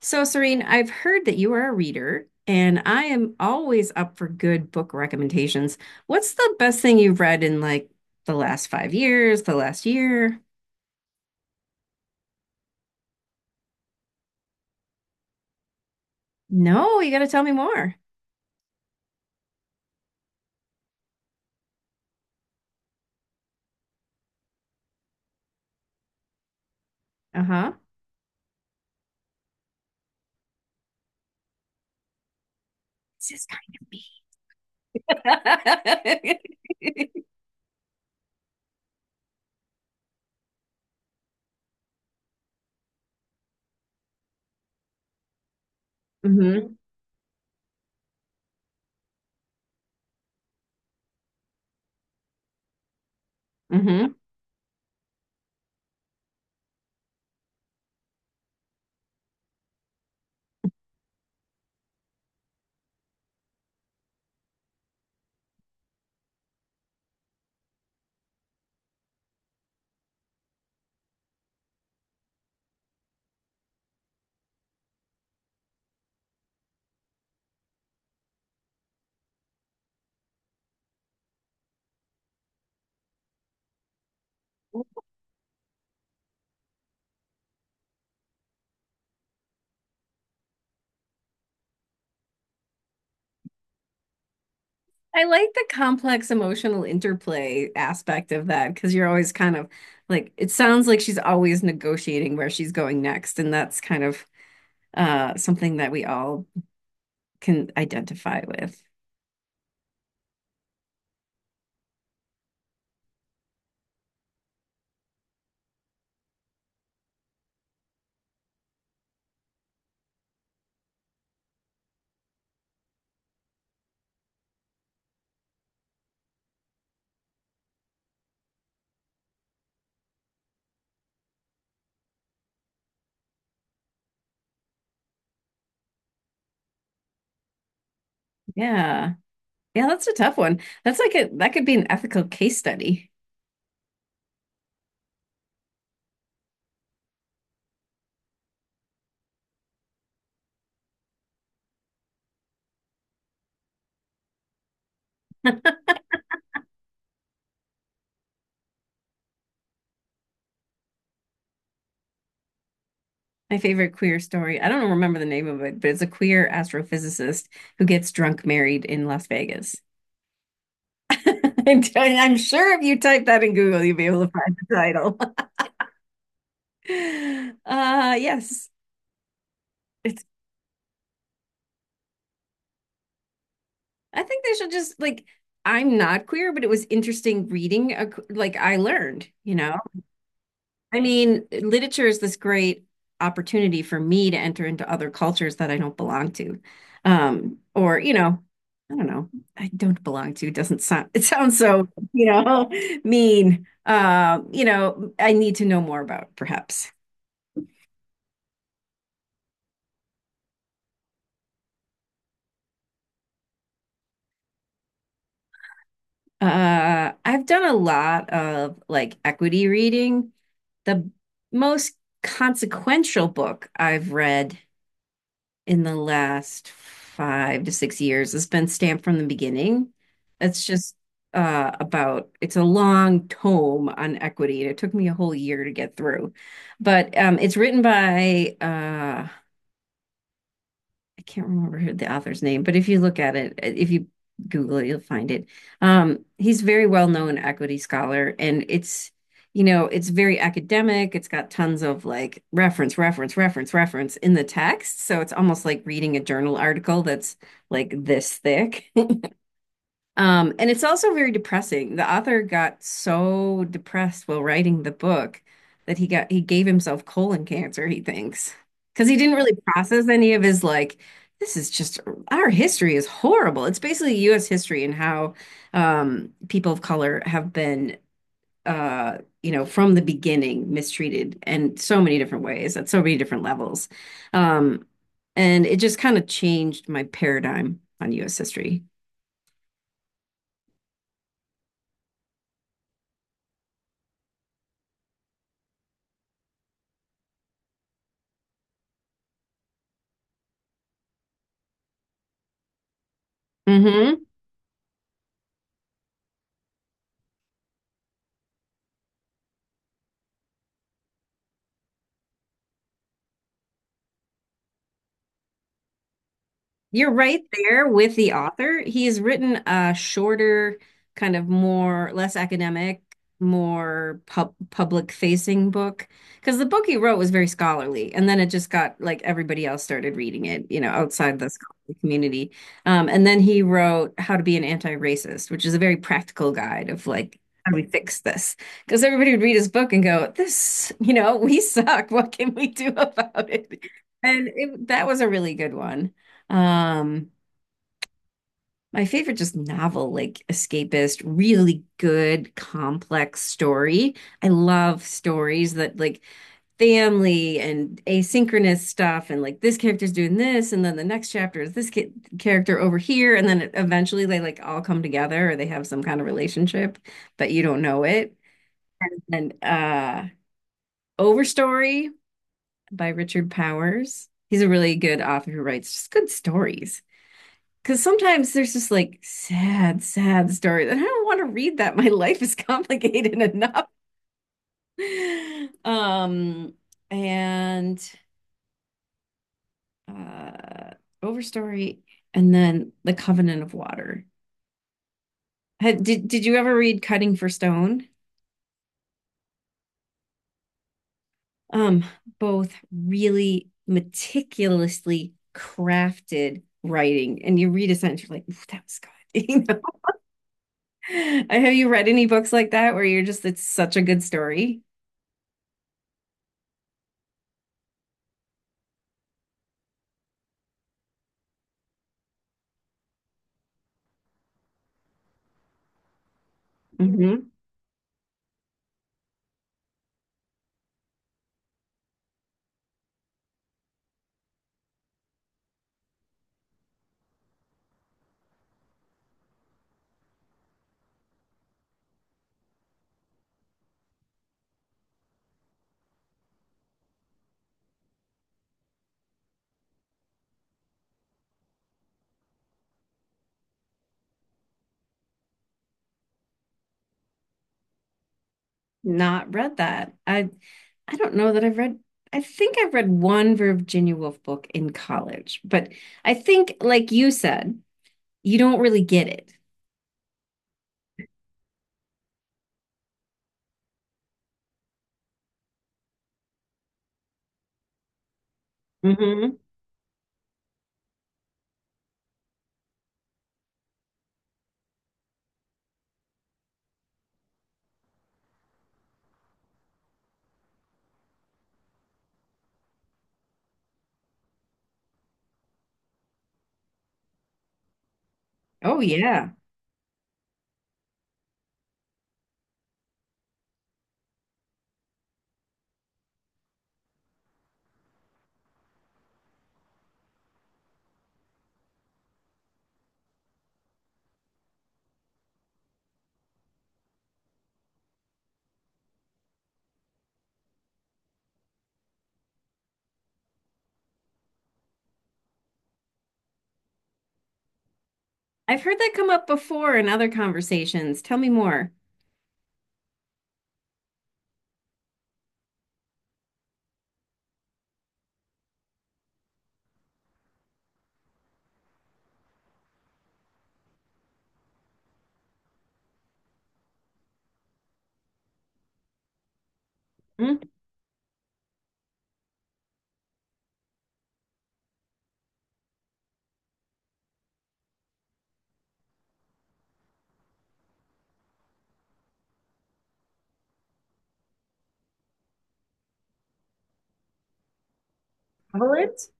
So, Serene, I've heard that you are a reader, and I am always up for good book recommendations. What's the best thing you've read in like the last 5 years, the last year? No, you got to tell me more. Uh-huh. This is kind of me. Mm-hmm. Mm-hmm. I like the complex emotional interplay aspect of that because you're always kind of like it sounds like she's always negotiating where she's going next, and that's kind of something that we all can identify with. Yeah. Yeah, that's a tough one. That's like a that could be an ethical case study. My favorite queer story. I don't remember the name of it, but it's a queer astrophysicist who gets drunk married in Las Vegas. And I'm sure if you type that in Google, you'll be able to find the title. Yes. It's I think they should just like I'm not queer, but it was interesting reading a, like I learned, I mean, literature is this great opportunity for me to enter into other cultures that I don't belong to. Or, you know. I don't belong to doesn't sound it sounds so, you know, mean. You know, I need to know more about perhaps. I've done a lot of like equity reading. The most consequential book I've read in the last 5 to 6 years. It's been stamped from the beginning. It's just about, it's a long tome on equity, and it took me a whole year to get through. But it's written by I can't remember who the author's name, but if you look at it, if you Google it, you'll find it. He's very well known equity scholar, and it's you know it's very academic. It's got tons of like reference, reference, reference, reference in the text, so it's almost like reading a journal article that's like this thick. And it's also very depressing. The author got so depressed while writing the book that he gave himself colon cancer, he thinks, because he didn't really process any of his like, this is just our history is horrible. It's basically U.S. history and how people of color have been you know, from the beginning mistreated in so many different ways at so many different levels. Um, and it just kind of changed my paradigm on US history. Hmm You're right there with the author. He's written a shorter, kind of more, less academic, more public facing book. Because the book he wrote was very scholarly, and then it just got like everybody else started reading it, you know, outside the scholarly community. And then he wrote How to Be an Anti-Racist, which is a very practical guide of like, how do we fix this? Because everybody would read his book and go, this, you know, we suck. What can we do about it? That was a really good one. Um, my favorite just novel, like escapist, really good, complex story. I love stories that like family and asynchronous stuff, and like this character's doing this, and then the next chapter is this ki character over here, and then eventually they like all come together or they have some kind of relationship, but you don't know it. And Overstory by Richard Powers. He's a really good author who writes just good stories. Because sometimes there's just like sad, sad stories, and I don't want to read that. My life is complicated enough. Um, and uh, Overstory, and then The Covenant of Water. Did you ever read Cutting for Stone? Um, both really meticulously crafted writing, and you read a sentence, you're like, "Ooh, that was good." You know? Have you read any books like that where you're just, it's such a good story? Mhm. Not read that. I don't know that I've read I've read one Virginia Woolf book in college, but I think like you said, you don't really get it. Hmm Oh yeah. I've heard that come up before in other conversations. Tell me more. Mm, Evelyn's?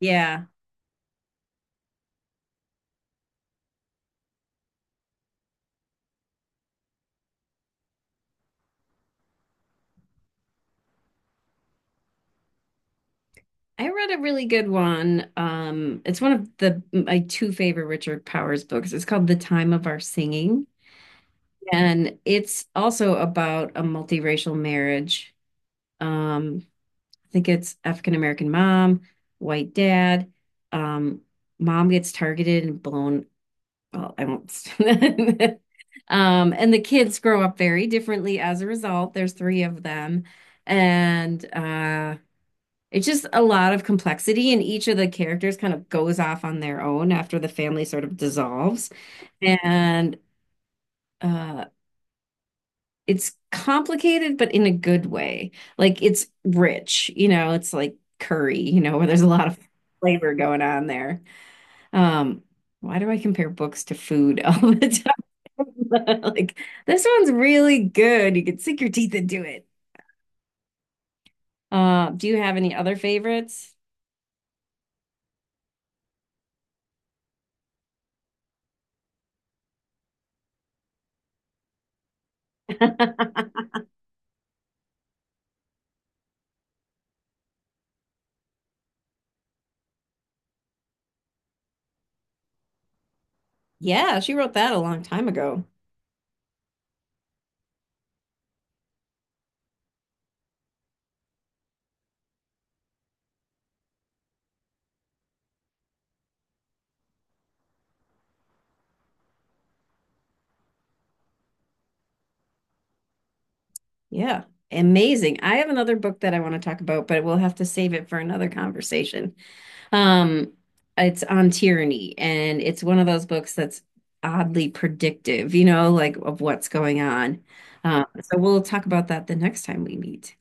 Yeah. I read a really good one. It's one of the my two favorite Richard Powers books. It's called The Time of Our Singing, and it's also about a multiracial marriage. Um, I think it's African American mom, white dad. Um, Mom gets targeted and blown. Well, I won't. And the kids grow up very differently as a result. There's three of them, and it's just a lot of complexity. And each of the characters kind of goes off on their own after the family sort of dissolves. And uh, it's complicated but in a good way, like it's rich, you know, it's like curry, you know, where there's a lot of flavor going on there. um why do I compare books to food all the time? Like, this one's really good, you can sink your teeth into it. Do you have any other favorites? Yeah, she wrote that a long time ago. Yeah, amazing. I have another book that I want to talk about, but we'll have to save it for another conversation. Um, it's On Tyranny, and it's one of those books that's oddly predictive, you know, like of what's going on. So we'll talk about that the next time we meet.